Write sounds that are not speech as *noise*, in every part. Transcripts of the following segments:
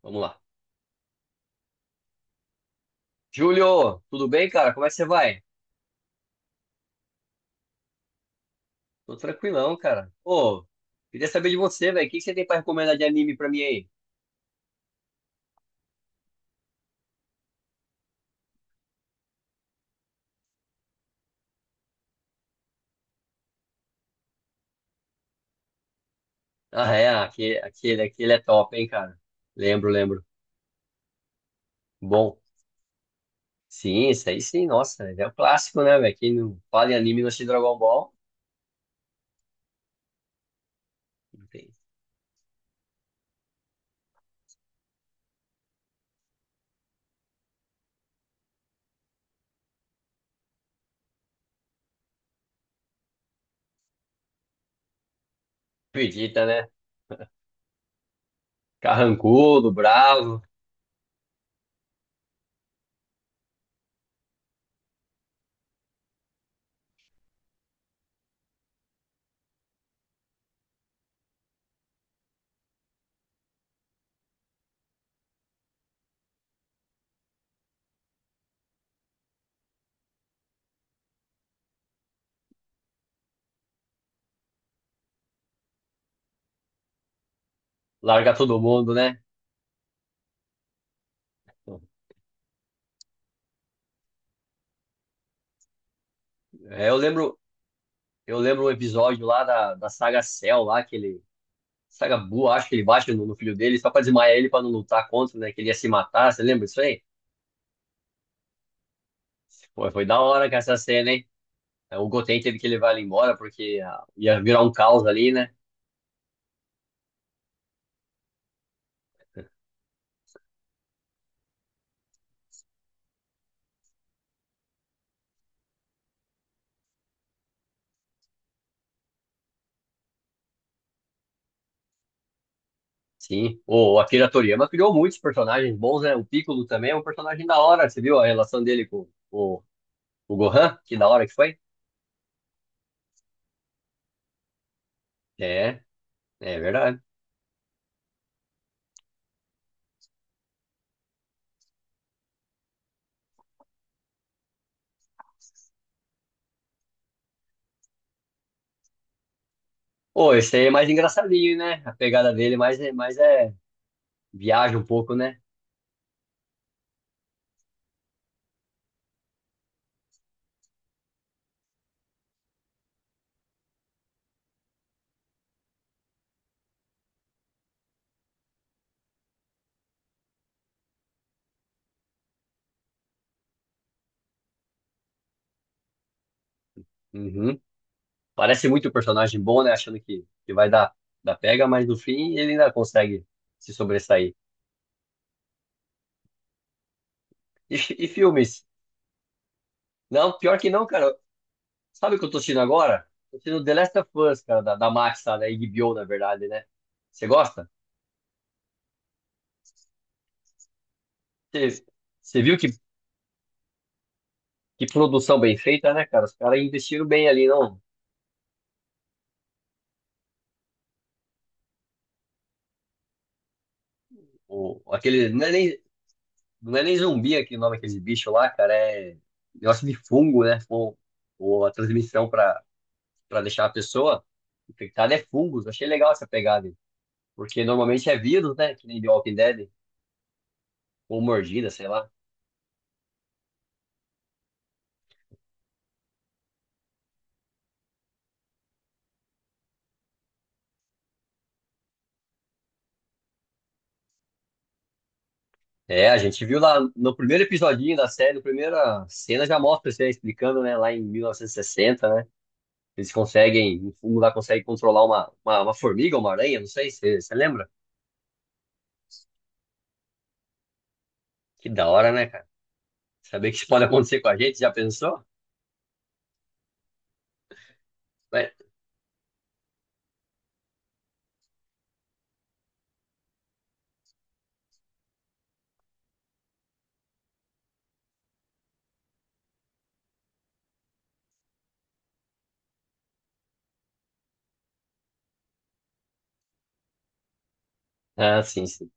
Vamos lá. Júlio, tudo bem, cara? Como é que você vai? Tô tranquilão, cara. Ô, queria saber de você, velho. O que que você tem pra recomendar de anime pra mim aí? Ah, é, aquele é top, hein, cara? Lembro, lembro. Bom, sim, isso aí sim, nossa, é o clássico, né, velho? Quem não fala em anime e não assiste Dragon Ball, não tem. Acredita, né? Carrancudo, bravo, larga todo mundo, né? Então, é, eu lembro um episódio lá da saga Cell, lá, que ele Sagabu, acho que ele bate no filho dele só pra desmaiar ele pra não lutar contra, né? Que ele ia se matar, você lembra disso aí? Pô, foi da hora com essa cena, hein? É, o Goten teve que levar ele embora porque ia virar um caos ali, né? Sim, o Akira Toriyama criou muitos personagens bons, né? O Piccolo também é um personagem da hora, você viu a relação dele com o Gohan? Que da hora que foi? É, é verdade. Pô, esse aí é mais engraçadinho, né? A pegada dele mais, mais é viaja um pouco, né? Uhum. Parece muito um personagem bom, né? Achando que vai dar pega, mas no fim ele ainda consegue se sobressair. E filmes? Não, pior que não, cara. Sabe o que eu tô assistindo agora? Tô assistindo The Last of Us, cara, da Max, tá? Da HBO, na verdade, né? Você gosta? Você você viu que produção bem feita, né, cara? Os caras investiram bem ali, não? Aquele, não é nem zumbi aquele nome, aquele bicho lá, cara. É negócio de fungo, né? Ou a transmissão para deixar a pessoa infectada é fungos. Achei legal essa pegada, aí, porque normalmente é vírus, né? Que nem The Walking Dead, ou mordida, sei lá. É, a gente viu lá no primeiro episodinho da série, na primeira cena já mostra isso aí, explicando, né? Lá em 1960, né? Eles conseguem, o fungo lá consegue controlar uma formiga ou uma aranha, não sei, você lembra? Que da hora, né, cara? Saber que isso pode acontecer com a gente, já pensou? Né? Ah, sim, sim.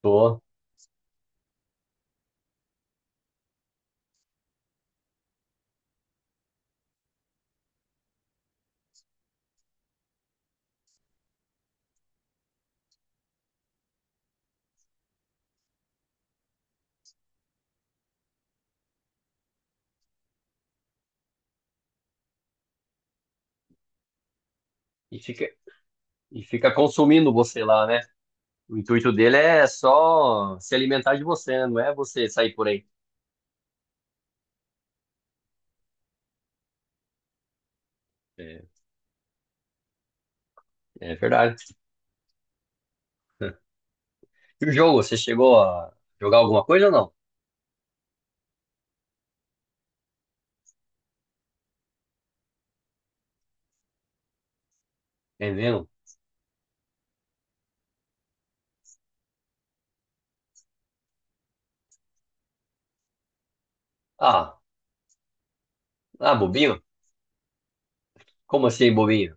Pô. E fica, e fica consumindo você lá, né? O intuito dele é só se alimentar de você, né? Não é você sair por aí. É, é verdade. *laughs* E o jogo, você chegou a jogar alguma coisa ou não? É mesmo? Ah, ah, bobinho? Como assim, bobinho?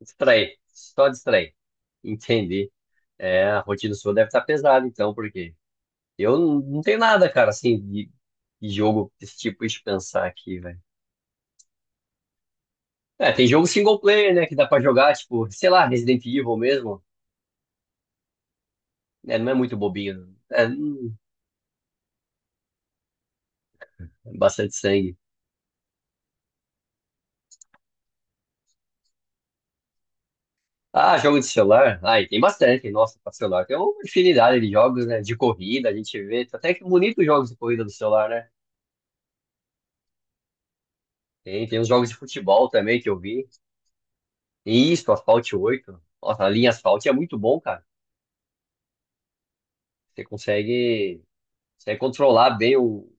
Distrair, só distrair. Entendi. É, a rotina sua deve estar pesada, então, porque eu não tenho nada, cara, assim, de jogo desse tipo, deixa eu pensar aqui, velho. É, tem jogo single player, né, que dá pra jogar, tipo, sei lá, Resident Evil mesmo, né? Não é muito bobinho. É, é bastante sangue. Ah, jogo de celular? Ai, tem bastante, nossa, para celular. Tem uma infinidade de jogos, né? De corrida, a gente vê. Tem até que bonito jogos de corrida do celular, né? Tem os jogos de futebol também que eu vi. Isso, Asphalt oito. Nossa, a linha Asphalt é muito bom, cara. Você consegue controlar bem o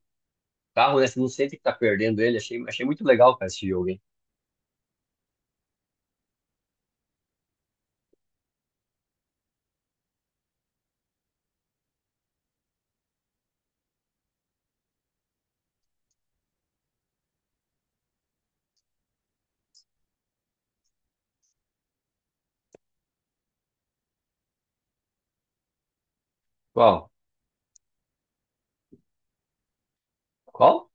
carro, né? Você não sente que tá perdendo ele. Achei muito legal, cara, esse jogo, hein? Qual? Qual?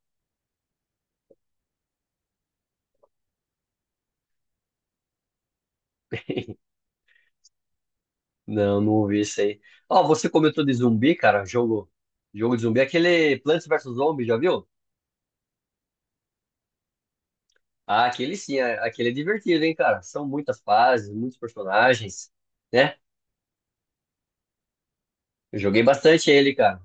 Não, não ouvi isso aí. Ó, você comentou de zumbi, cara. Jogo de zumbi. Aquele Plants versus Zombies, já viu? Ah, aquele sim, aquele é divertido, hein, cara? São muitas fases, muitos personagens, né? Eu joguei bastante ele, cara.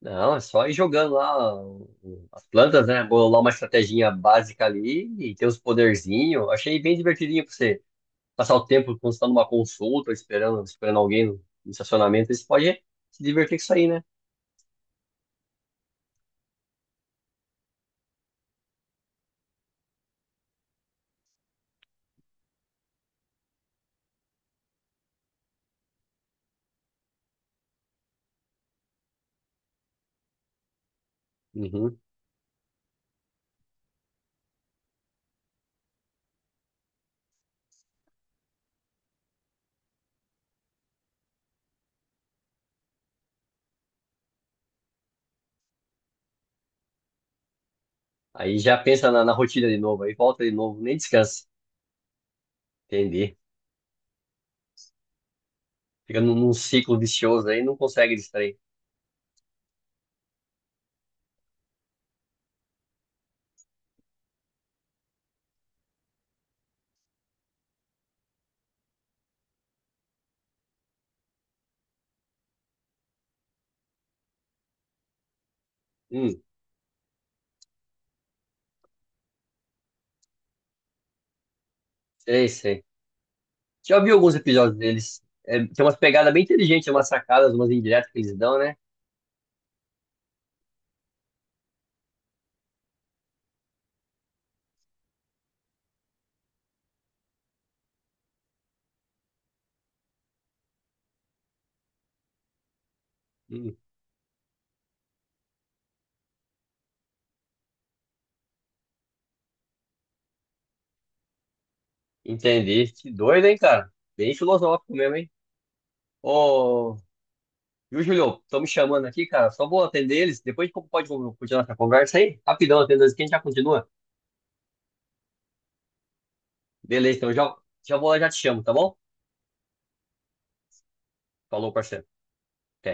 Não, é só ir jogando lá as plantas, né? Bolar uma estratégia básica ali e ter os poderzinhos. Achei bem divertidinho pra você passar o tempo quando você tá numa consulta, esperando alguém no estacionamento. Aí você pode se divertir com isso aí, né? Uhum. Aí já pensa na rotina de novo, aí volta de novo, nem descansa. Entendi. Fica num ciclo vicioso aí, não consegue distrair. Hum, Sei, sei. Já vi alguns episódios deles. É, tem umas pegadas bem inteligentes, umas sacadas, umas indiretas que eles dão, né? Hum, Entendi. Que doido, hein, cara? Bem filosófico mesmo, hein? Ô, viu, Julio? Estão me chamando aqui, cara. Só vou atender eles. Depois a gente pode continuar essa conversa aí? Rapidão, atendendo eles, que a gente já continua. Beleza, então já vou lá, já te chamo, tá bom? Falou, parceiro. Até.